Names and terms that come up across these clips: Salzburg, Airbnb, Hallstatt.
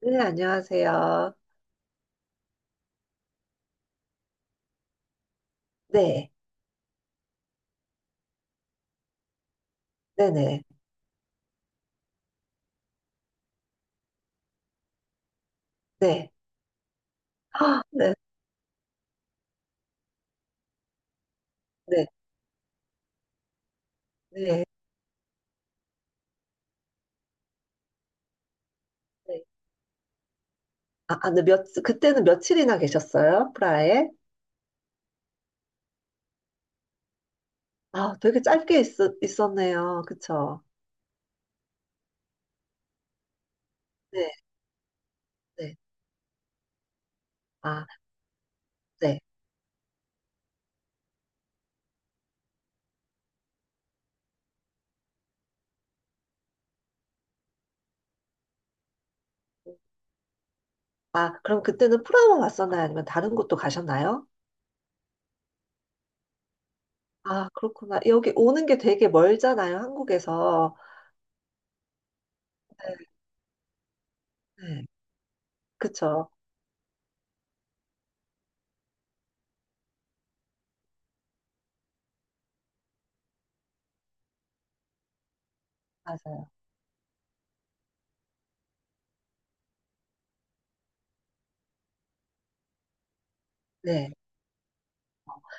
네, 안녕하세요. 네, 네네, 네. 아, 네, 네, 네. 네. 아, 아, 네, 그때는 며칠이나 계셨어요? 프라하에? 아, 되게 짧게 있었네요. 그쵸? 네, 네. 아, 네. 아, 그럼 그때는 프라하만 왔었나요? 아니면 다른 곳도 가셨나요? 아, 그렇구나. 여기 오는 게 되게 멀잖아요, 한국에서. 네, 네. 그쵸? 맞아요. 네.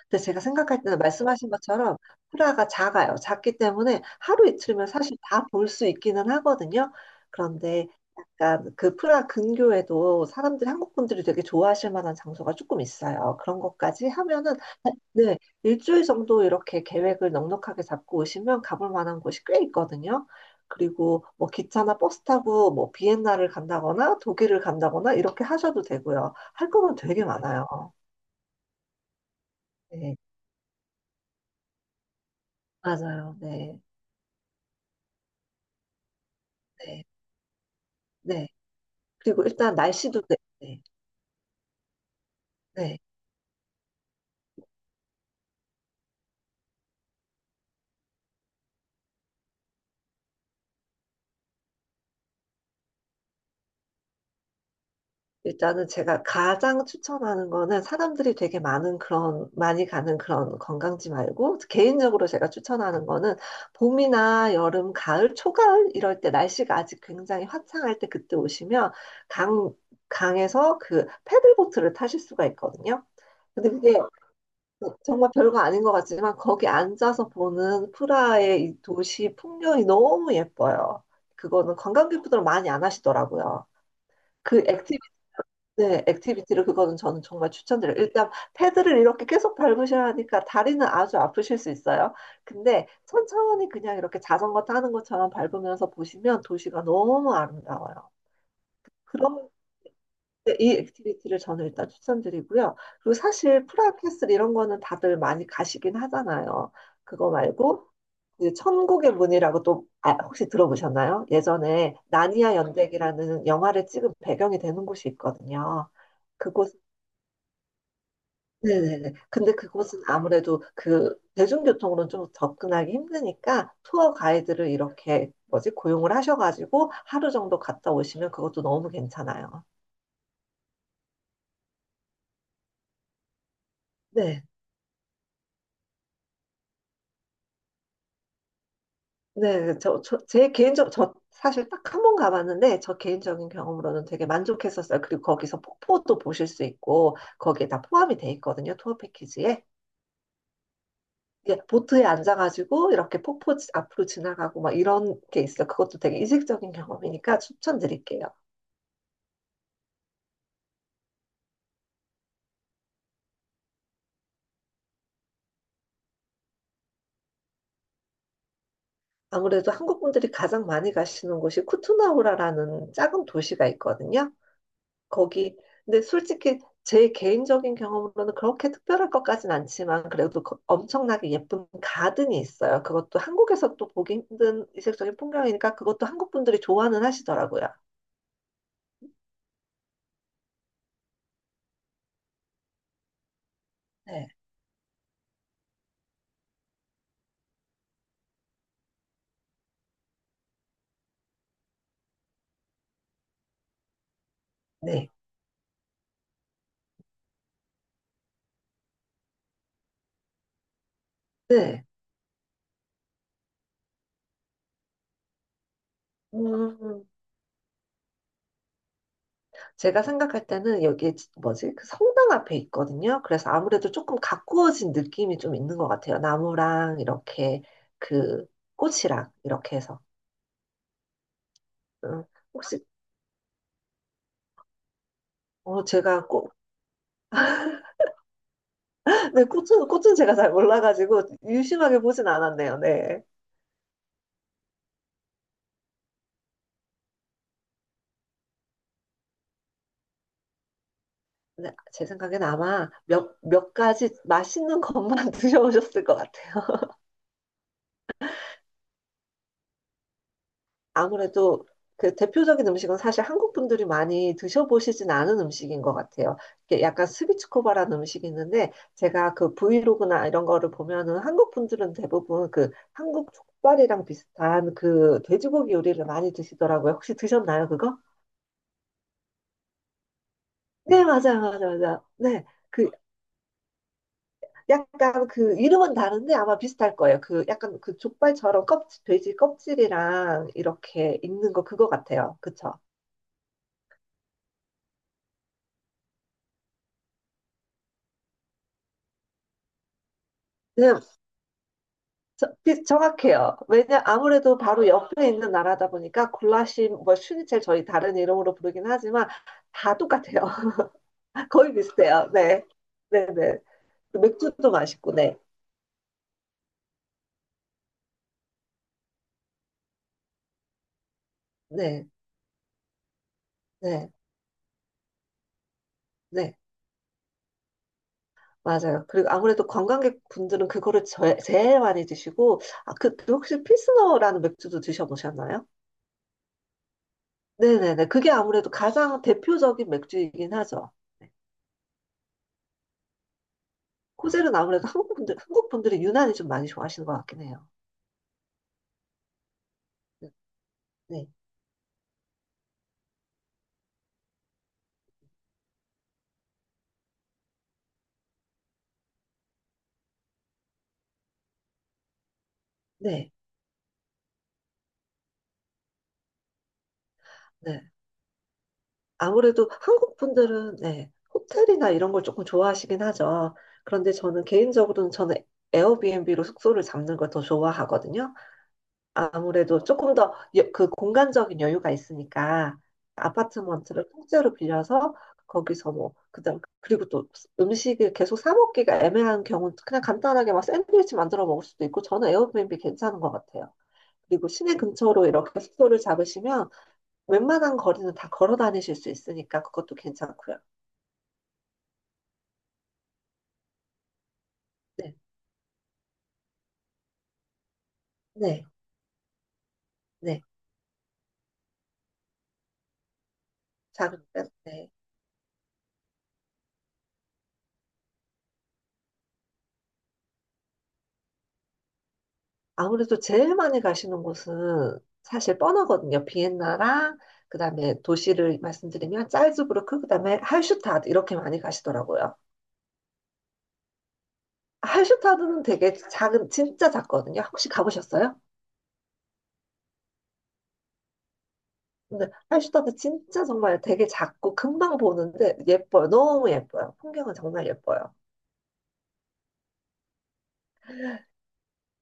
근데 제가 생각할 때는 말씀하신 것처럼 프라가 작아요. 작기 때문에 하루 이틀면 사실 다 볼 수 있기는 하거든요. 그런데 약간 그 프라 근교에도 사람들이 한국 분들이 되게 좋아하실 만한 장소가 조금 있어요. 그런 것까지 하면은, 네, 일주일 정도 이렇게 계획을 넉넉하게 잡고 오시면 가볼 만한 곳이 꽤 있거든요. 그리고 뭐 기차나 버스 타고 뭐 비엔나를 간다거나 독일을 간다거나 이렇게 하셔도 되고요. 할 거는 되게 많아요. 네, 맞아요. 네. 네, 네. 그리고 일단 날씨도, 네, 네. 네. 일단은 제가 가장 추천하는 거는 사람들이 되게 많은 그런 많이 가는 그런 관광지 말고 개인적으로 제가 추천하는 거는 봄이나 여름, 가을, 초가을 이럴 때 날씨가 아직 굉장히 화창할 때 그때 오시면 강 강에서 그 패들보트를 타실 수가 있거든요. 근데 그게 정말 별거 아닌 것 같지만 거기 앉아서 보는 프라하의 이 도시 풍경이 너무 예뻐요. 그거는 관광객분들은 많이 안 하시더라고요. 그 액티비티, 네, 액티비티를 그거는 저는 정말 추천드려요. 일단 패드를 이렇게 계속 밟으셔야 하니까 다리는 아주 아프실 수 있어요. 근데 천천히 그냥 이렇게 자전거 타는 것처럼 밟으면서 보시면 도시가 너무 아름다워요. 네, 이 액티비티를 저는 일단 추천드리고요. 그리고 사실 프라하캐슬 이런 거는 다들 많이 가시긴 하잖아요. 그거 말고 그 천국의 문이라고 또 아, 혹시 들어보셨나요? 예전에 나니아 연대기라는 영화를 찍은 배경이 되는 곳이 있거든요. 그곳. 네네네. 근데 그곳은 아무래도 그 대중교통으로는 좀 접근하기 힘드니까 투어 가이드를 이렇게 뭐지 고용을 하셔가지고 하루 정도 갔다 오시면 그것도 너무 괜찮아요. 네. 네, 네. 저 사실 딱 한 번 가봤는데, 저 개인적인 경험으로는 되게 만족했었어요. 그리고 거기서 폭포도 보실 수 있고, 거기에 다 포함이 돼 있거든요, 투어 패키지에. 예, 보트에 앉아가지고, 이렇게 폭포 앞으로 지나가고, 막 이런 게 있어요. 그것도 되게 이색적인 경험이니까 추천드릴게요. 아무래도 한국 분들이 가장 많이 가시는 곳이 쿠투나우라라는 작은 도시가 있거든요. 거기 근데 솔직히 제 개인적인 경험으로는 그렇게 특별할 것까진 않지만 그래도 엄청나게 예쁜 가든이 있어요. 그것도 한국에서 또 보기 힘든 이색적인 풍경이니까 그것도 한국 분들이 좋아는 하시더라고요. 네, 네, 네. 음, 제가 생각할 때는 여기 뭐지? 그 성당 앞에 있거든요. 그래서 아무래도 조금 가꾸어진 느낌이 좀 있는 것 같아요. 나무랑 이렇게 그 꽃이랑 이렇게 해서. 음, 혹시 어, 제가, 네, 꽃은 제가 잘 몰라가지고 유심하게 보진 않았네요. 네. 근데 제 생각엔 아마 몇 가지 맛있는 것만 드셔보셨을 것 같아요. 아무래도 그 대표적인 음식은 사실 한국 분들이 많이 드셔보시진 않은 음식인 것 같아요. 이게 약간 스비츠코바라는 음식이 있는데 제가 그 브이로그나 이런 거를 보면은 한국 분들은 대부분 그 한국 족발이랑 비슷한 그 돼지고기 요리를 많이 드시더라고요. 혹시 드셨나요, 그거? 네, 맞아요, 맞아요, 맞아요. 네. 그 약간 그 이름은 다른데 아마 비슷할 거예요. 그 약간 그 족발처럼 껍질, 돼지 껍질이랑 이렇게 있는 거 그거 같아요. 그쵸? 네, 정확해요. 왜냐 아무래도 바로 옆에 있는 나라다 보니까 굴라시 뭐 슈니첼 저희 다른 이름으로 부르긴 하지만 다 똑같아요. 거의 비슷해요. 네, 네, 네. 맥주도 맛있고, 네, 네, 네, 네. 맞아요. 그리고 아무래도 관광객분들은 그거를 제일 많이 드시고 아, 그, 그 혹시 필스너라는 맥주도 드셔보셨나요? 네네네. 그게 아무래도 가장 대표적인 맥주이긴 하죠. 네. 코젤은 아무래도 한국 분들, 한국 분들이 유난히 좀 많이 좋아하시는 것 같긴 해요. 네, 네, 네. 네. 아무래도 한국 분들은, 네, 호텔이나 이런 걸 조금 좋아하시긴 하죠. 그런데 저는 개인적으로는 저는 에어비앤비로 숙소를 잡는 걸 더 좋아하거든요. 아무래도 조금 더 그 공간적인 여유가 있으니까 아파트먼트를 통째로 빌려서 거기서 뭐 그다음 그리고 또 음식을 계속 사 먹기가 애매한 경우 그냥 간단하게 막 샌드위치 만들어 먹을 수도 있고 저는 에어비앤비 괜찮은 것 같아요. 그리고 시내 근처로 이렇게 숙소를 잡으시면 웬만한 거리는 다 걸어 다니실 수 있으니까 그것도 괜찮고요. 네, 네, 네. 작은. 네. 아무래도 제일 많이 가시는 곳은 사실 뻔하거든요. 비엔나랑 그다음에 도시를 말씀드리면 짤즈부르크 그다음에 할슈타드 이렇게 많이 가시더라고요. 할슈타드는 되게 작은 진짜 작거든요. 혹시 가보셨어요? 근데 할슈타드 진짜 정말 되게 작고 금방 보는데 예뻐요. 너무 예뻐요. 풍경은 정말 예뻐요.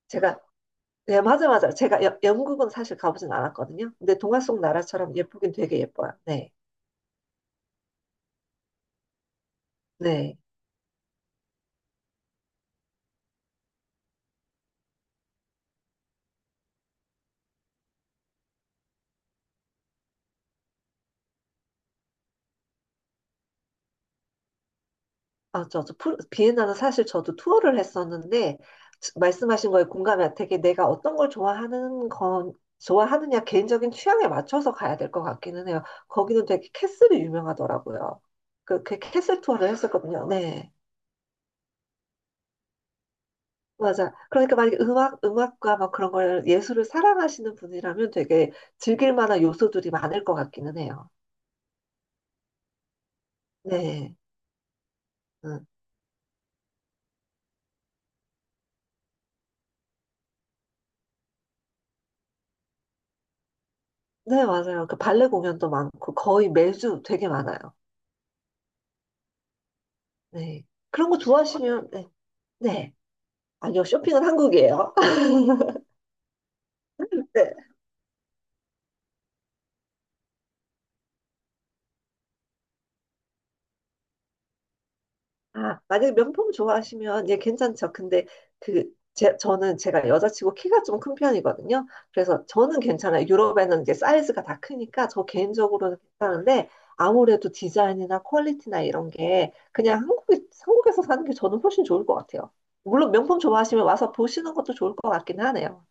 제가, 네, 맞아 맞아. 제가 여- 영국은 사실 가보진 않았거든요. 근데 동화 속 나라처럼 예쁘긴 되게 예뻐요. 네. 네. 맞아, 비엔나는 사실 저도 투어를 했었는데, 말씀하신 거에 공감이 되게 내가 어떤 걸 좋아하는 건, 좋아하느냐, 개인적인 취향에 맞춰서 가야 될 것 같기는 해요. 거기는 되게 캐슬이 유명하더라고요. 그 캐슬 투어를 했었거든요. 네. 맞아. 그러니까 만약에 음악, 음악과 막 그런 걸, 예술을 사랑하시는 분이라면 되게 즐길 만한 요소들이 많을 것 같기는 해요. 네. 응. 네, 맞아요. 그 발레 공연도 많고, 거의 매주 되게 많아요. 네. 그런 거 좋아하시면, 네. 네. 아니요, 쇼핑은 한국이에요. 네. 아, 만약에 명품 좋아하시면, 예, 괜찮죠. 근데 그, 제, 저는 제가 여자치고 키가 좀 큰 편이거든요. 그래서 저는 괜찮아요. 유럽에는 이제 사이즈가 다 크니까 저 개인적으로는 괜찮은데, 아무래도 디자인이나 퀄리티나 이런 게 그냥 한국에, 한국에서 사는 게 저는 훨씬 좋을 것 같아요. 물론 명품 좋아하시면 와서 보시는 것도 좋을 것 같긴 하네요.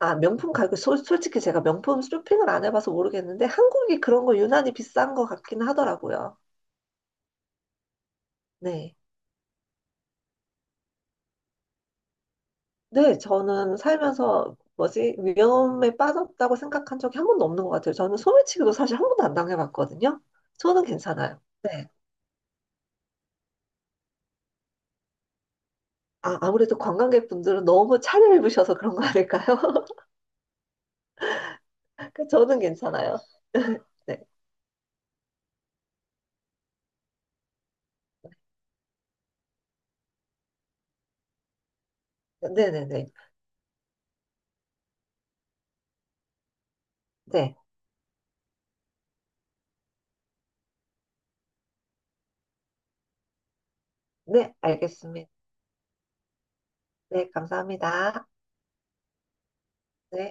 아, 명품 가격, 솔직히 제가 명품 쇼핑을 안 해봐서 모르겠는데, 한국이 그런 거 유난히 비싼 것 같긴 하더라고요. 네. 네, 저는 살면서 뭐지? 위험에 빠졌다고 생각한 적이 한 번도 없는 것 같아요. 저는 소매치기도 사실 한 번도 안 당해봤거든요. 저는 괜찮아요. 네. 아, 아무래도 관광객분들은 너무 차려입으셔서 그런 거 아닐까요? 그 저는 괜찮아요. 네. 네네네. 네. 네, 알겠습니다. 네, 감사합니다. 네.